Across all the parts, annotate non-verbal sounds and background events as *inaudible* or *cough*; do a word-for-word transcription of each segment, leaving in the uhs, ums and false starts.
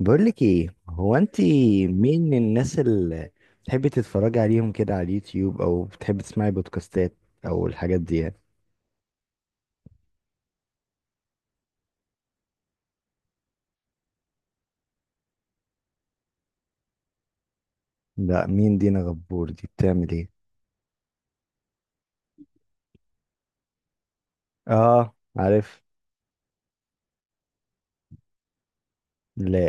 بقولك ايه، هو انت مين من الناس اللي بتحبي تتفرجي عليهم كده على اليوتيوب، او بتحبي تسمعي بودكاستات او الحاجات دي يعني؟ لا، مين دينا غبور دي؟ بتعمل ايه؟ اه عارف. لا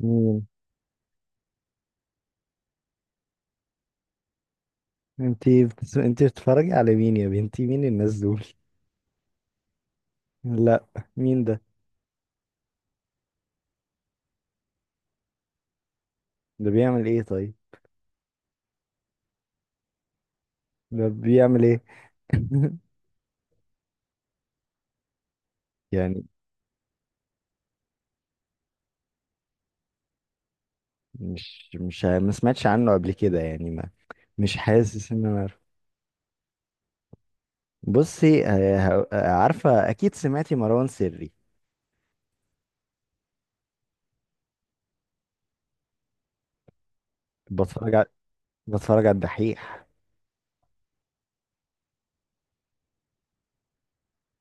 مين؟ انت بتس... انت بتتفرجي على مين يا بنتي؟ مين الناس دول؟ لا مين ده؟ ده بيعمل ايه طيب؟ ده بيعمل ايه؟ *laughs* يعني مش مش ع- ما سمعتش عنه قبل كده يعني، ما مش حاسس ان انا. بصي آه، ه- آه، عارفة أكيد سمعتي مروان سري؟ بتفرج على، بتفرج على الدحيح.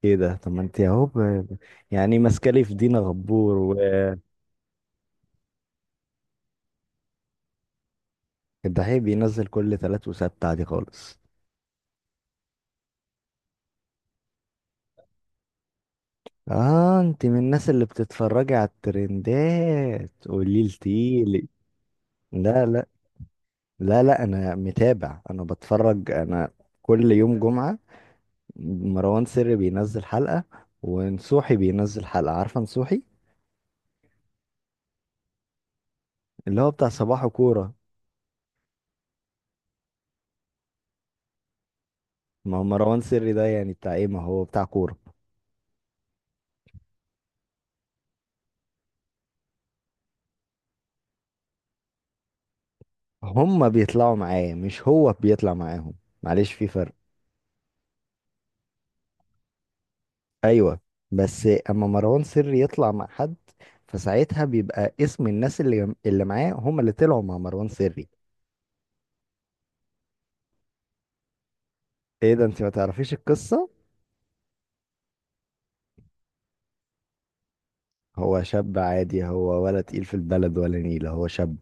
إيه ده؟ طب ما أنت أهو ب... يعني ماسكة لي في دينا غبور. والدحيح بينزل كل تلات وسبت عادي خالص. آه، أنت من الناس اللي بتتفرجي على الترندات؟ قولي لتيلي. لا لا. لا لا، أنا متابع، أنا بتفرج، أنا كل يوم جمعة مروان سري بينزل حلقة، ونصوحي بينزل حلقة. عارفة نصوحي؟ اللي هو بتاع صباح كورة. ما هو مروان سري ده يعني بتاع ايه؟ ما هو بتاع كورة. هما بيطلعوا معاه، مش هو بيطلع معاهم. معلش في فرق. ايوه، بس اما مروان سري يطلع مع حد، فساعتها بيبقى اسم الناس اللي اللي معاه هما اللي طلعوا مع مروان سري. ايه ده، انت ما تعرفيش القصة؟ هو شاب عادي هو، ولا تقيل في البلد ولا نيلة؟ هو شاب.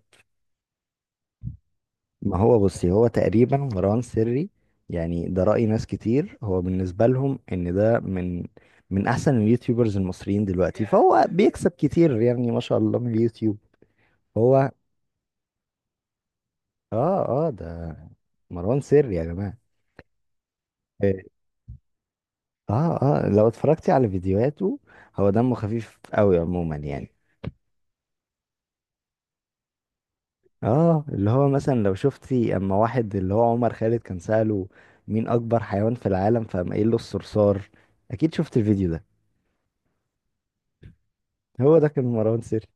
ما هو بصي، هو تقريبا مروان سري يعني ده رأي ناس كتير، هو بالنسبة لهم ان ده من، من احسن اليوتيوبرز المصريين دلوقتي، فهو بيكسب كتير يعني ما شاء الله من اليوتيوب هو. اه اه، ده مروان سري يا جماعة. إيه. اه اه، لو اتفرجتي على فيديوهاته هو دمه خفيف قوي عموما يعني. اه، اللي هو مثلا لو شفتي اما واحد اللي هو عمر خالد كان سأله، مين اكبر حيوان في العالم، فقام قايل له الصرصار. اكيد شفت الفيديو ده؟ هو ده كان مروان سري.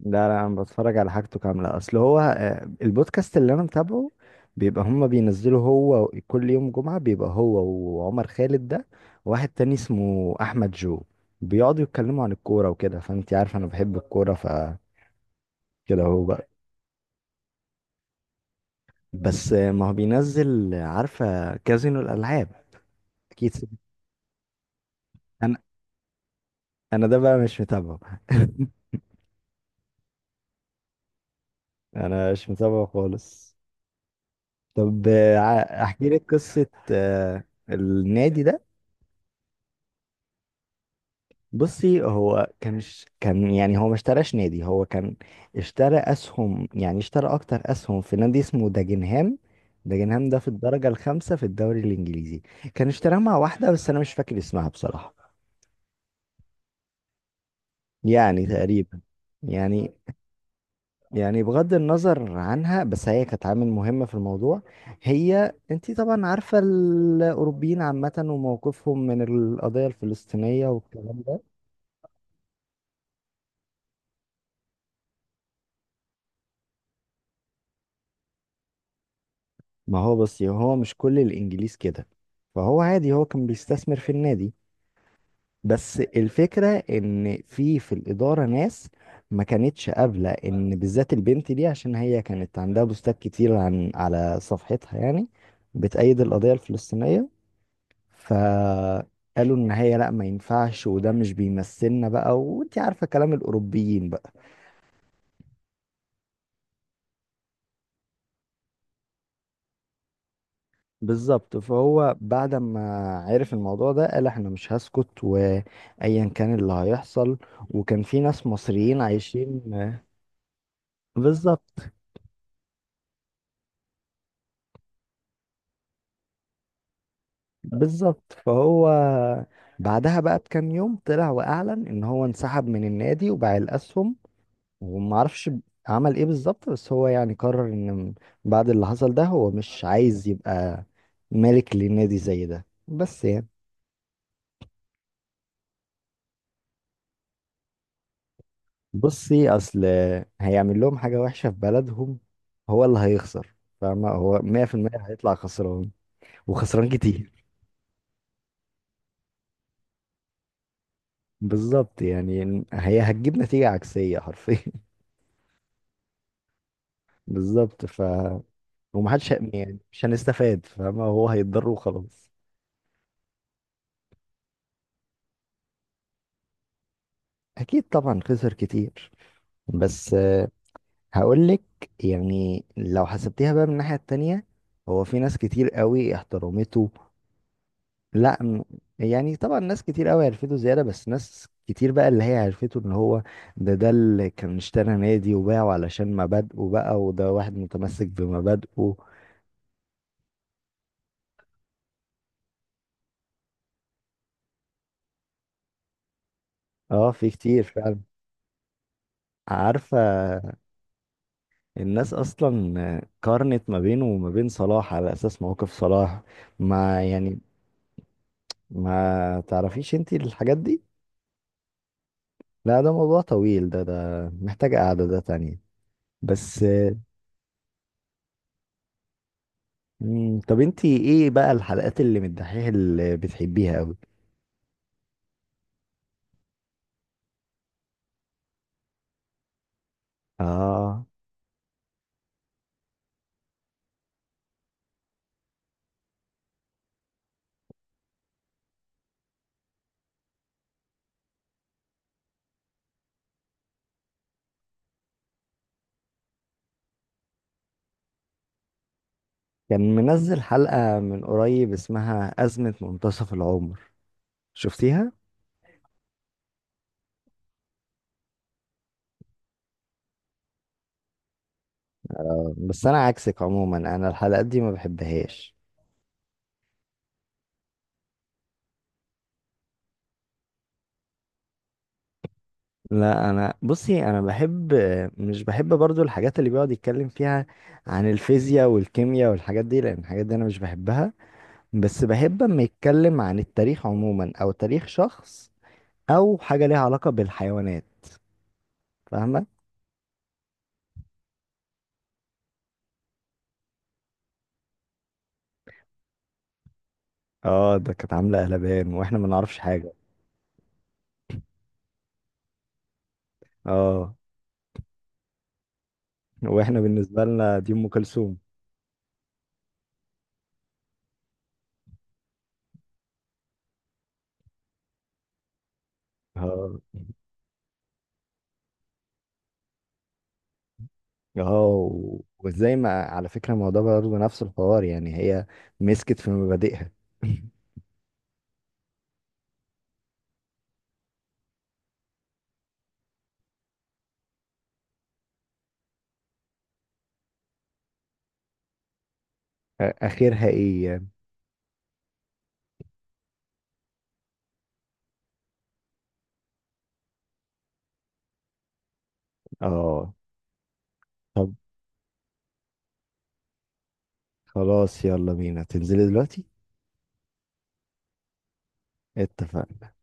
لا لا، انا بتفرج على حاجته كامله، اصل هو آه، البودكاست اللي انا متابعه بيبقى هما بينزلوا هو كل يوم جمعه، بيبقى هو وعمر خالد ده، واحد تاني اسمه احمد جو، بيقعدوا يتكلموا عن الكوره وكده. فانت عارف انا بحب الكوره فكده. هو بقى بس، آه، ما هو بينزل. آه، عارفه كازينو الالعاب؟ اكيد سمعت- انا، انا ده بقى مش متابعه. *laughs* انا مش متابعه خالص. طب آه، ع- احكي لك قصه آه، النادي ده. بصي، هو كان ش... كان يعني، هو ما اشتراش نادي، هو كان اشترى اسهم، يعني اشترى اكتر اسهم في نادي اسمه داجنهام. داجنهام ده في الدرجة الخامسة في الدوري الانجليزي. كان اشتراها مع واحدة بس انا مش فاكر اسمها بصراحة. يعني تقريبا. يعني، يعني بغض النظر عنها، بس هي كانت عامل مهمة في الموضوع. هي، انتي طبعا عارفة الاوروبيين عامة وموقفهم من القضية الفلسطينية والكلام ده. ما هو بس هو مش كل الانجليز كده، فهو عادي هو كان بيستثمر في النادي. بس الفكرة ان في في الإدارة ناس ما كانتش قابلة ان بالذات البنت دي، عشان هي كانت عندها بوستات كتير عن، على صفحتها يعني، بتأيد القضية الفلسطينية. فقالوا ان هي لا ما ينفعش، وده مش بيمثلنا بقى، وانت عارفة كلام الأوروبيين بقى. بالظبط. فهو بعد ما عرف الموضوع ده، قال احنا مش هسكت، وايا كان اللي هيحصل. وكان في ناس مصريين عايشين. بالظبط. بالظبط. فهو بعدها بقى بكام يوم طلع واعلن ان هو انسحب من النادي، وباع الاسهم. وما اعرفش عمل ايه بالظبط. بس هو يعني قرر ان بعد اللي حصل ده، هو مش عايز يبقى مالك للنادي زي ده، بس يعني. بصي اصل، هيعمل لهم حاجه وحشه في بلدهم؟ هو اللي هيخسر. فاهمه، هو مية في المية هيطلع خسران، وخسران كتير. بالظبط، يعني هي هتجيب نتيجه عكسيه حرفيا. *laughs* بالظبط، ف، ومحدش ه- يعني، مش هنستفاد، فاهمه، هو هيتضر وخلاص. اكيد طبعا خسر كتير. بس هقول لك، يعني لو حسبتيها بقى من الناحيه التانية، هو في ناس كتير قوي احترمته. لا م- يعني طبعا ناس كتير قوي عرفته زيادة، بس ناس كتير بقى اللي هي عرفته ان هو ده ده اللي كان اشترى نادي وباعه علشان مبادئه بقى، وده واحد متمسك بمبادئه. اه في كتير فعلا. عارفة، الناس أصلا قارنت ما بينه وما بين صلاح، على أساس مواقف صلاح ما يعني. ما تعرفيش انتي الحاجات دي؟ لا ده موضوع طويل ده، ده محتاج قعدة ده تانية. بس. مم، طب انتي ايه بقى الحلقات اللي من الدحيح اللي بتحبيها أوي؟ اه، كان منزل حلقة من قريب اسمها أزمة منتصف العمر، شفتيها؟ بس أنا عكسك عموما، أنا الحلقات دي ما بحبهاش. لا أنا بصي، أنا بحب، مش بحب برضو الحاجات اللي بيقعد يتكلم فيها عن الفيزياء والكيمياء والحاجات دي، لأن الحاجات دي أنا مش بحبها. بس بحب أما يتكلم عن التاريخ عموما، أو تاريخ شخص، أو حاجة ليها علاقة بالحيوانات. فاهمة؟ اه، ده كانت عاملة قلبان واحنا ما نعرفش حاجة. اه. واحنا بالنسبه لنا دي ام كلثوم. اه اه، و- وازاي ما، على فكره الموضوع برضه نفس الحوار يعني، هي مسكت في مبادئها. *laughs* اخرها ايه يعني؟ اه. طب خلاص يلا بينا، تنزلي دلوقتي. اتفقنا.